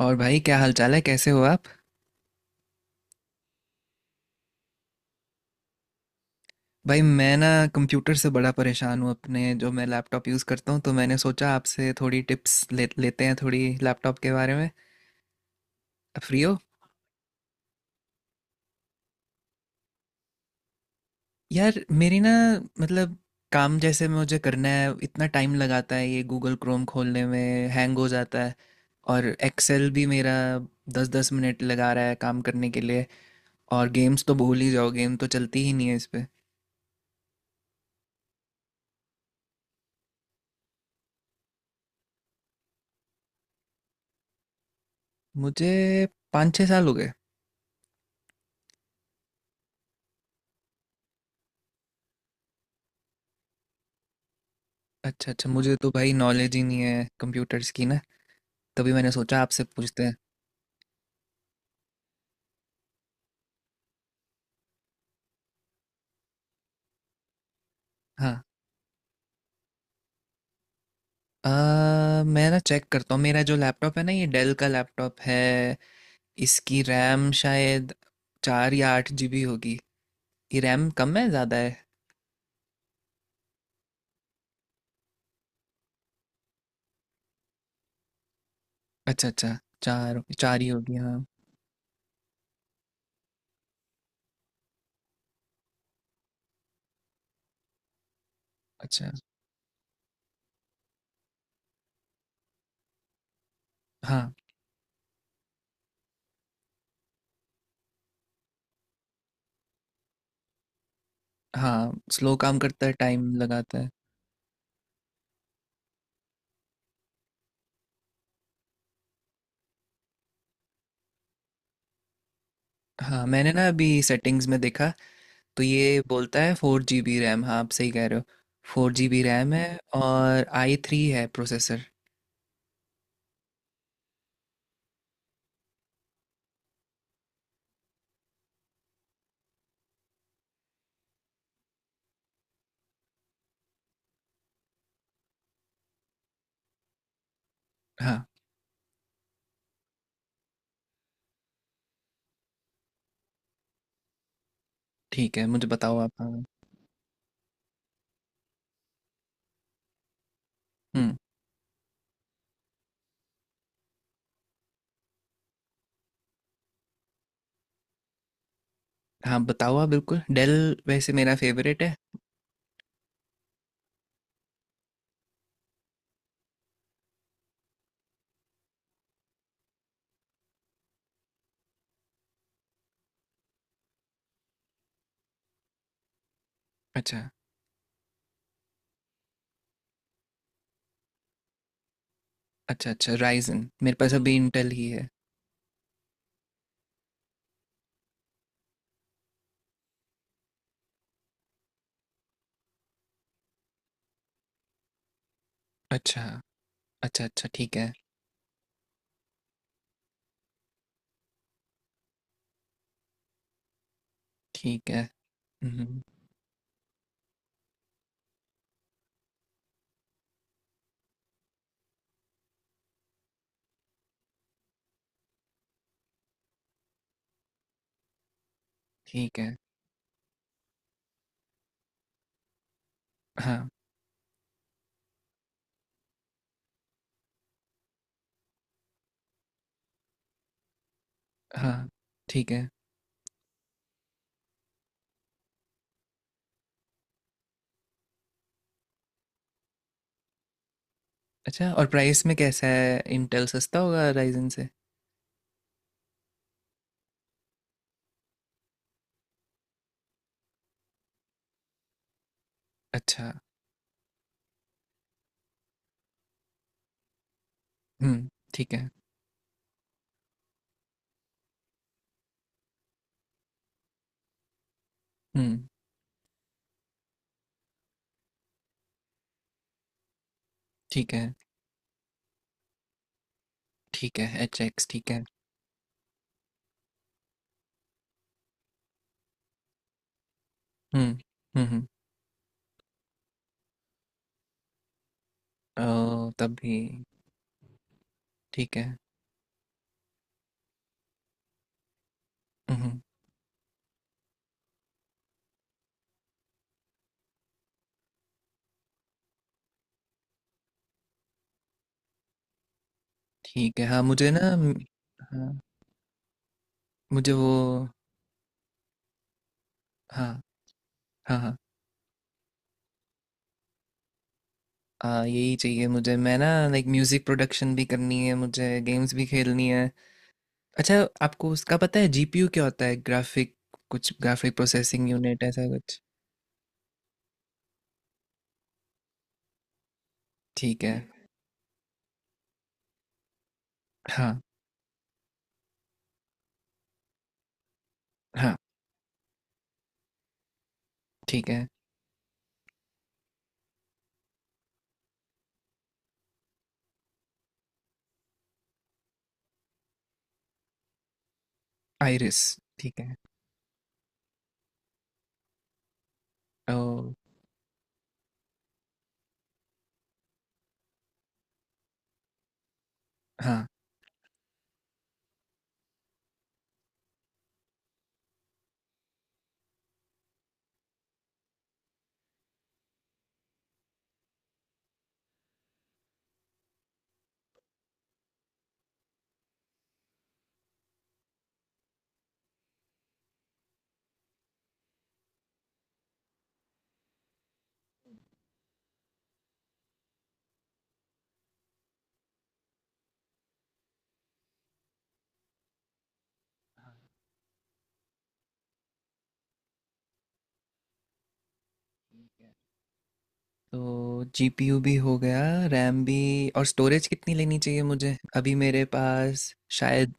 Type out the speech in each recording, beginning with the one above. और भाई, क्या हालचाल है? कैसे हो आप? भाई मैं ना कंप्यूटर से बड़ा परेशान हूँ। अपने जो मैं लैपटॉप यूज़ करता हूँ तो मैंने सोचा आपसे थोड़ी टिप्स ले लेते हैं, थोड़ी लैपटॉप के बारे में। आप फ्री हो? यार मेरी ना, मतलब काम जैसे मुझे करना है, इतना टाइम लगाता है ये गूगल क्रोम खोलने में। हैंग हो जाता है। और एक्सेल भी मेरा दस दस मिनट लगा रहा है काम करने के लिए। और गेम्स तो भूल ही जाओ, गेम तो चलती ही नहीं है इस पे। मुझे 5-6 साल हो गए। अच्छा अच्छा, मुझे तो भाई नॉलेज ही नहीं है कंप्यूटर्स की ना। तभी मैंने सोचा आपसे पूछते हैं। हाँ। मैं ना चेक करता हूँ, मेरा जो लैपटॉप है ना, ये डेल का लैपटॉप है। इसकी रैम शायद 4 या 8 GB होगी। ये रैम कम है ज़्यादा है? अच्छा अच्छा, चार चार ही होगी हाँ। अच्छा। हाँ हाँ, स्लो काम करता है, टाइम लगाता है। हाँ, मैंने ना अभी सेटिंग्स में देखा तो ये बोलता है 4 GB रैम। हाँ आप सही कह रहे हो, 4 GB रैम है। और i3 है प्रोसेसर। हाँ। ठीक है, मुझे बताओ आप। हाँ। हुँ। हाँ बताओ आप, बिल्कुल। डेल वैसे मेरा फेवरेट है। अच्छा। अच्छा अच्छा, राइजन। मेरे पास अभी इंटेल ही है। अच्छा। अच्छा अच्छा, ठीक है। ठीक है। हम्म, ठीक है। हाँ। हाँ, ठीक है। अच्छा, और प्राइस में कैसा है? इंटेल सस्ता होगा राइजन से? अच्छा। हम्म। ठीक है। हम्म। ठीक है। ठीक है, एच एक्स, ठीक है। हम्म। हम्म। ओ, तब भी ठीक है। हम्म। ठीक है। हाँ मुझे ना। हाँ मुझे वो। हाँ हाँ। हाँ। यही चाहिए मुझे। मैं ना, लाइक म्यूज़िक प्रोडक्शन भी करनी है मुझे, गेम्स भी खेलनी है। अच्छा। आपको उसका पता है जीपीयू क्या होता है? ग्राफिक, कुछ ग्राफिक प्रोसेसिंग यूनिट ऐसा कुछ। ठीक है। हाँ हाँ। ठीक है। आइरिस। ठीक है। ओ। हाँ। तो जीपीयू भी हो गया, रैम भी। और स्टोरेज कितनी लेनी चाहिए मुझे? अभी मेरे पास शायद।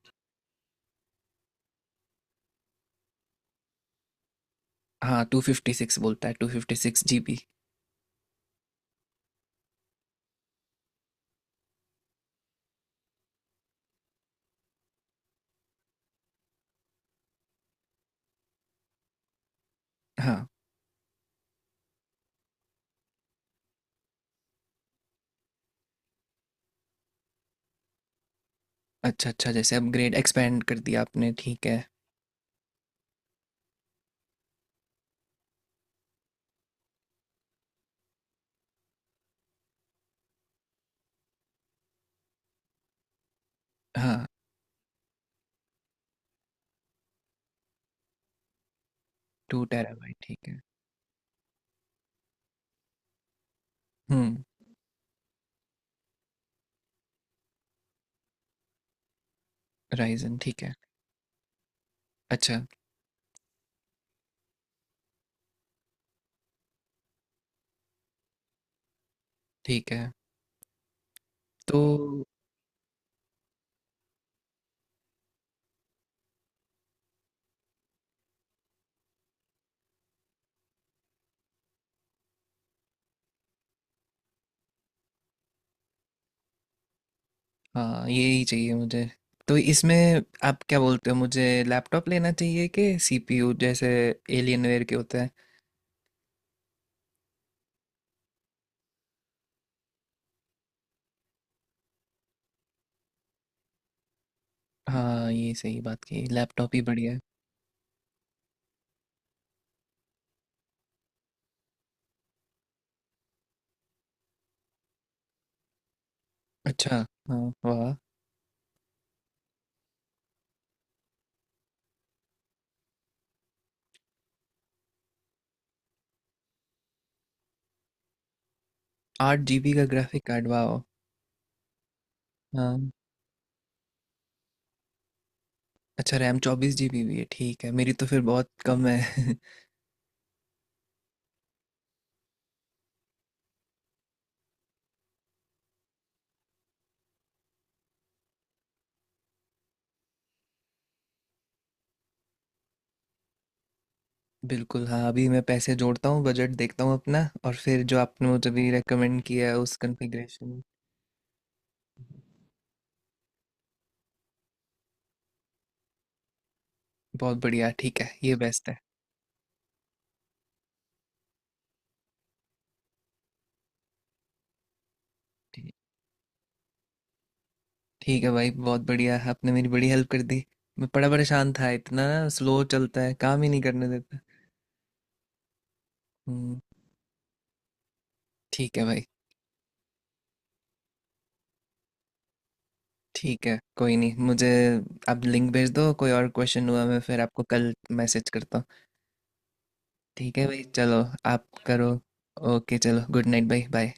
हाँ, 256 बोलता है, 256 GB। अच्छा अच्छा, जैसे अब ग्रेड एक्सपेंड कर दिया आपने, ठीक है। हाँ, 2 TB, ठीक है। हम्म। राइजन, ठीक है। अच्छा। ठीक है। तो, हाँ, ये ही चाहिए मुझे। तो इसमें आप क्या बोलते हो, मुझे लैपटॉप लेना चाहिए कि सीपीयू, जैसे एलियनवेयर के होते हैं? हाँ, ये सही बात की लैपटॉप ही बढ़िया है। अच्छा। हाँ, वाह। 8 GB का ग्राफिक कार्ड, वाह। हाँ। अच्छा, रैम 24 GB भी है? ठीक है, मेरी तो फिर बहुत कम है। बिल्कुल। हाँ, अभी मैं पैसे जोड़ता हूँ, बजट देखता हूँ अपना। और फिर जो आपने मुझे भी रेकमेंड किया है, उस कॉन्फ़िगरेशन। बहुत बढ़िया, ठीक है, ये बेस्ट है। ठीक। ठीक है भाई, बहुत बढ़िया, आपने मेरी बड़ी हेल्प कर दी। मैं बड़ा परेशान था, इतना स्लो चलता है, काम ही नहीं करने देता। हम्म, ठीक है भाई। ठीक है, कोई नहीं, मुझे आप लिंक भेज दो, कोई और क्वेश्चन हुआ मैं फिर आपको कल मैसेज करता हूँ। ठीक है भाई, चलो। आप करो। ओके, चलो, गुड नाइट भाई, बाय।